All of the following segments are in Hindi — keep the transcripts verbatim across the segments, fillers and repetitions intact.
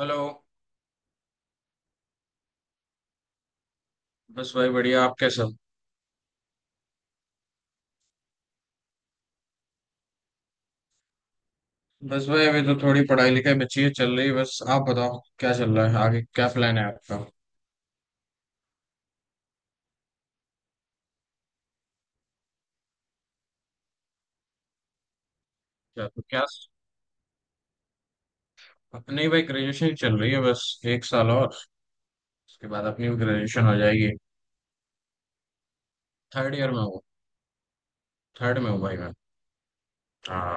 हेलो। बस भाई बढ़िया, आप कैसे हो? बस भाई अभी तो थोड़ी पढ़ाई लिखाई बची है, चल रही है। बस आप बताओ, क्या चल रहा है, आगे क्या प्लान है आपका? क्या, तो क्या? अपनी भाई ग्रेजुएशन चल रही है बस। एक साल और, उसके बाद अपनी भी ग्रेजुएशन हो जाएगी। थर्ड ईयर में हूँ। थर्ड में हूँ भाई मैं। हाँ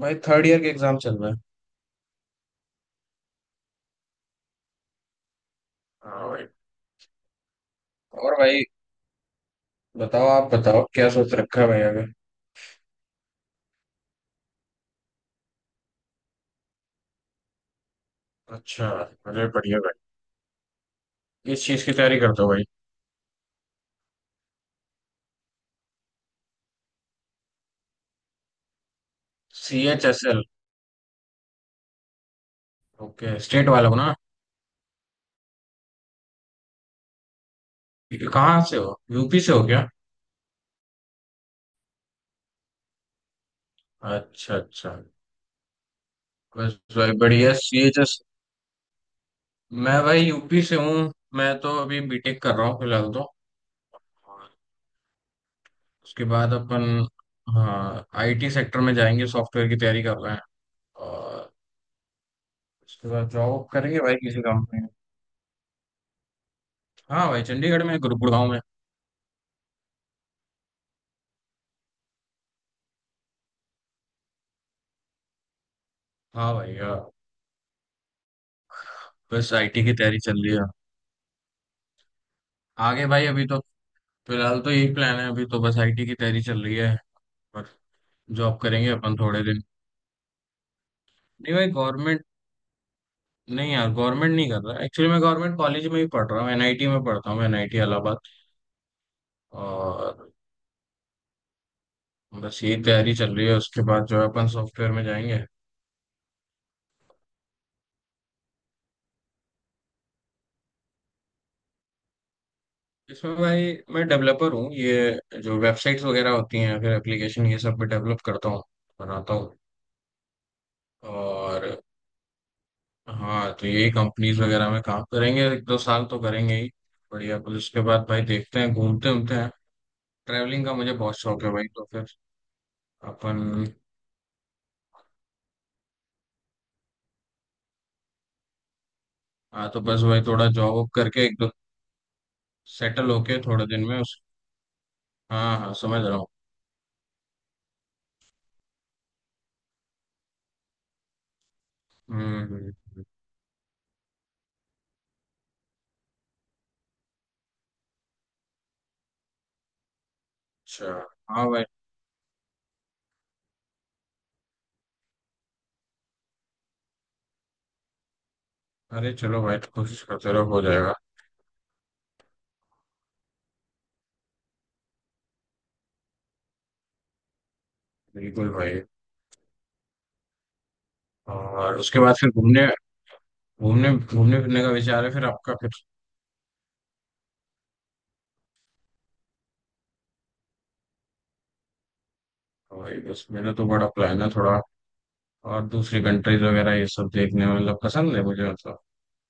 भाई, थर्ड ईयर के एग्जाम चल रहे हैं। हाँ भाई। और भाई बताओ, आप बताओ क्या सोच रखा है भाई आगे? अच्छा। अरे बढ़िया भाई। किस चीज की तैयारी करते हो भाई? C H S L. Okay, state वाले हो ना? कहाँ से हो, यूपी से हो क्या? अच्छा अच्छा। बस भाई बढ़िया सी जस। मैं भाई यूपी से हूँ, मैं तो अभी बीटेक कर रहा हूँ फिलहाल तो। उसके बाद अपन, हाँ, आईटी सेक्टर में जाएंगे, सॉफ्टवेयर की तैयारी कर रहे हैं। और उसके बाद जॉब करेंगे भाई किसी कंपनी में। हाँ भाई, चंडीगढ़ में, गुरुगुड़गांव में। हाँ भाई हाँ। बस आईटी की तैयारी चल रही है। आगे भाई अभी तो फिलहाल तो यही प्लान है, अभी तो बस आईटी की तैयारी चल रही है। पर जॉब करेंगे अपन थोड़े दिन। नहीं भाई गवर्नमेंट, नहीं यार गवर्नमेंट नहीं कर रहा, एक्चुअली मैं गवर्नमेंट कॉलेज में ही पढ़ रहा हूँ, एनआईटी में पढ़ता हूँ, एनआईटी इलाहाबाद। और बस यही तैयारी चल रही है, उसके बाद जो है अपन सॉफ्टवेयर में जाएंगे। इसमें भाई मैं डेवलपर हूँ, ये जो वेबसाइट्स वगैरह होती हैं फिर एप्लीकेशन, ये सब भी डेवलप करता हूँ, बनाता हूँ। और हाँ, तो यही कंपनीज वगैरह में काम करेंगे, एक दो साल तो करेंगे ही। बढ़िया, फिर उसके बाद भाई देखते हैं, घूमते घूमते हैं। ट्रैवलिंग का मुझे बहुत शौक है भाई, तो फिर अपन। हाँ, तो बस भाई थोड़ा जॉब करके, एक दो, सेटल होके थोड़े दिन में उस। हाँ हाँ, समझ रहा हूँ। हम्म हम्म, हम्म। अच्छा। हाँ भाई। अरे चलो भाई, तो कोशिश करते रहो, हो जाएगा। बिल्कुल भाई। और उसके बाद फिर घूमने घूमने घूमने फिरने का विचार है फिर आपका फिर। हाँ भाई, बस मेरा तो बड़ा प्लान है थोड़ा। और दूसरी कंट्रीज वगैरह ये सब देखने में मतलब पसंद है मुझे, मतलब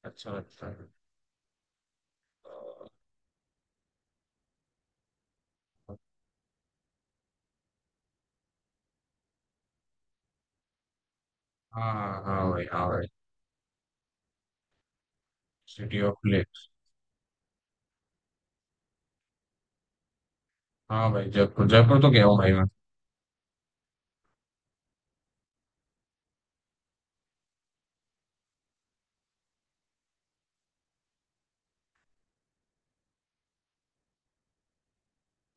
अच्छा लगता है। हाँ हाँ हाँ भाई, हाँ भाई। City of lakes. हाँ भाई, जयपुर जयपुर तो गया हूँ भाई मैं।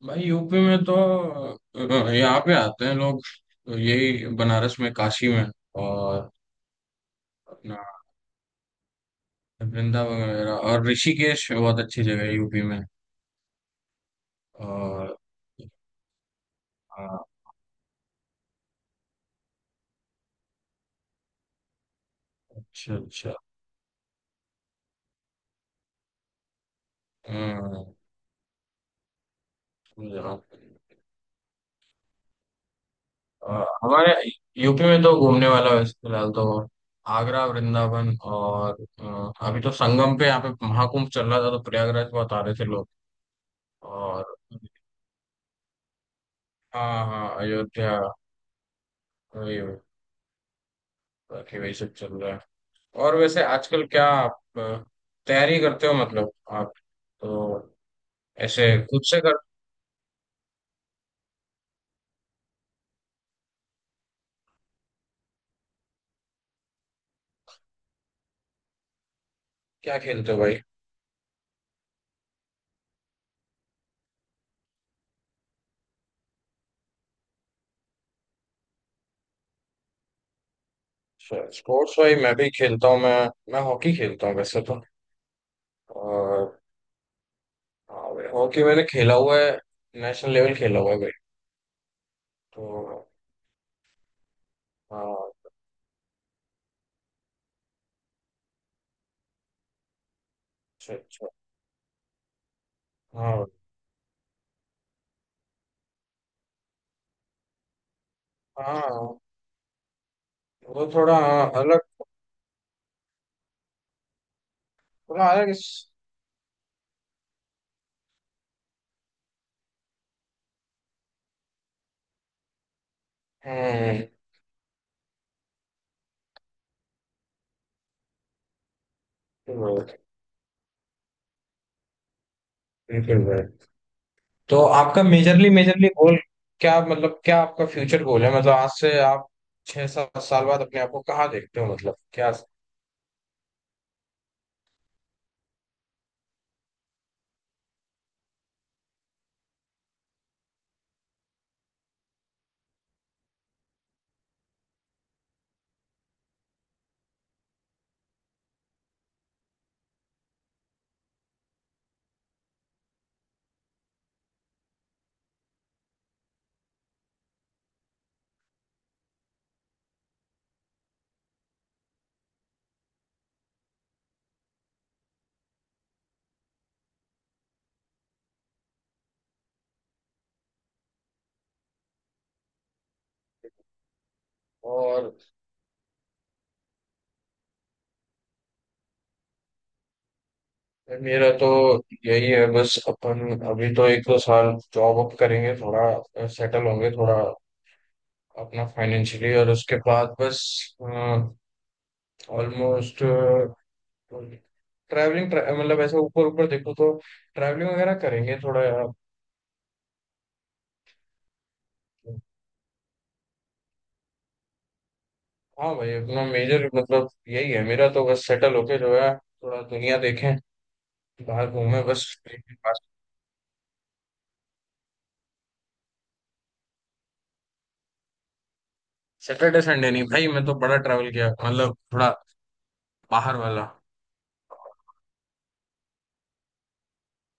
भाई यूपी में तो अ, यहाँ पे आते हैं लोग, तो यही बनारस में, काशी में। और अपना वृंदावन वगैरह, और ऋषिकेश बहुत अच्छी जगह है यूपी में। और हाँ, अच्छा अच्छा। हम्म, समझा। और हमारे यूपी में तो घूमने वाला वैसे फिलहाल तो आगरा, वृंदावन और अ, अभी तो संगम पे यहाँ पे महाकुंभ चल रहा था, तो प्रयागराज बहुत आ रहे थे लोग। और हाँ हाँ, अयोध्या। वही वही, बाकी वही सब चल रहा है। और वैसे आजकल क्या आप अ, तैयारी करते हो, मतलब आप तो ऐसे खुद से कर? क्या खेलते हो भाई? स्पोर्ट्स भाई, मैं भी खेलता हूँ, मैं मैं हॉकी खेलता हूँ वैसे तो। और हाँ भाई, हॉकी मैंने खेला हुआ है, नेशनल लेवल खेला हुआ है भाई, तो। हाँ। अच्छा अच्छा। हाँ हाँ। वो थोड़ा अलग, थोड़ा अलग इस- हम्म। बिल्कुल भाई। बिल्कुल भाई। तो आपका मेजरली मेजरली गोल क्या, मतलब क्या आपका फ्यूचर गोल है, मतलब आज से आप छह सात साल बाद अपने आप को कहाँ देखते हो मतलब क्या? और मेरा तो यही है, बस अपन अभी तो एक दो साल जॉब अप करेंगे, थोड़ा सेटल होंगे थोड़ा अपना फाइनेंशियली, और उसके बाद बस ऑलमोस्ट ट्रैवलिंग, मतलब ऐसे ऊपर ऊपर देखो तो ट्रैवलिंग वगैरह करेंगे थोड़ा। हाँ भाई, अपना मेजर मतलब यही है मेरा तो, बस सेटल होके जो है थोड़ा दुनिया देखें, बाहर घूमें, बस। सैटरडे संडे नहीं भाई, मैं तो बड़ा ट्रैवल किया, मतलब थोड़ा बाहर वाला।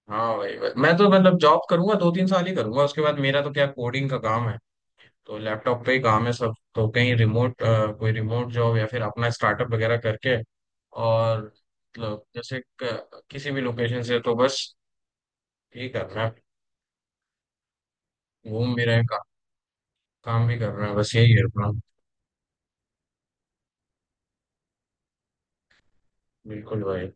हाँ भाई भाई। मैं तो मतलब जॉब करूंगा, दो तीन साल ही करूंगा, उसके बाद मेरा तो क्या कोडिंग का काम है, तो लैपटॉप पे ही काम है सब, तो कहीं रिमोट अ, कोई रिमोट जॉब या फिर अपना स्टार्टअप वगैरह करके। और मतलब जैसे क- किसी भी लोकेशन से, तो बस यही कर रहे हैं। घूम भी रहे हैं का, काम भी कर रहे हैं, बस यही है अपना। बिल्कुल भाई।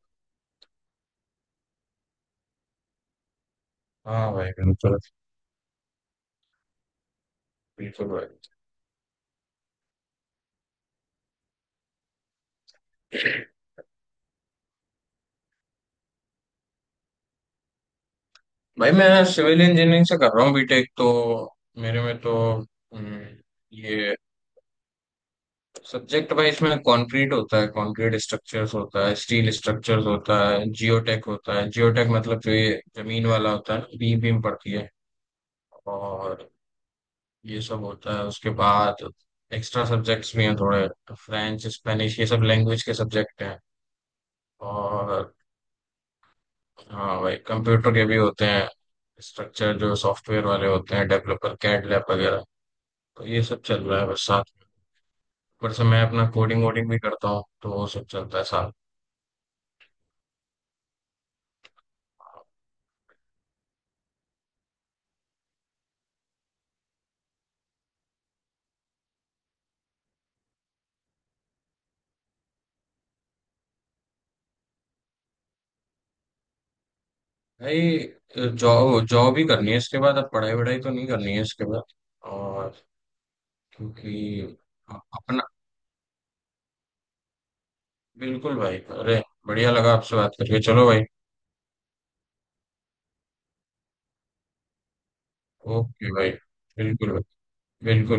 हाँ भाई बिल्कुल। बिल्कुल भाई। भाई मैं सिविल इंजीनियरिंग से कर रहा हूँ बीटेक तो, मेरे में तो। हम्म, ये सब्जेक्ट भाई, इसमें कंक्रीट होता है, कंक्रीट स्ट्रक्चर्स होता है, स्टील स्ट्रक्चर्स होता है, जियोटेक होता है। जियोटेक मतलब जो ये जमीन वाला होता है ना, बीम बीम पड़ती है। और ये सब होता है। उसके बाद एक्स्ट्रा सब्जेक्ट्स भी हैं थोड़े, फ्रेंच स्पेनिश ये सब लैंग्वेज के सब्जेक्ट हैं। और हाँ भाई, कंप्यूटर के भी होते हैं, स्ट्रक्चर जो सॉफ्टवेयर वाले होते हैं, डेवलपर कैड लैब वगैरह। तो ये सब चल रहा है बस साथ में। ऊपर से मैं अपना कोडिंग वोडिंग भी करता हूँ, तो वो सब चलता है साथ। भाई जॉब जॉब ही करनी है इसके बाद, अब पढ़ाई वढ़ाई तो नहीं करनी है इसके बाद। और क्योंकि अ- अपना। बिल्कुल भाई, अरे बढ़िया लगा आपसे बात करके, चलो भाई। ओके भाई। बिल्कुल भाई। बिल्कुल।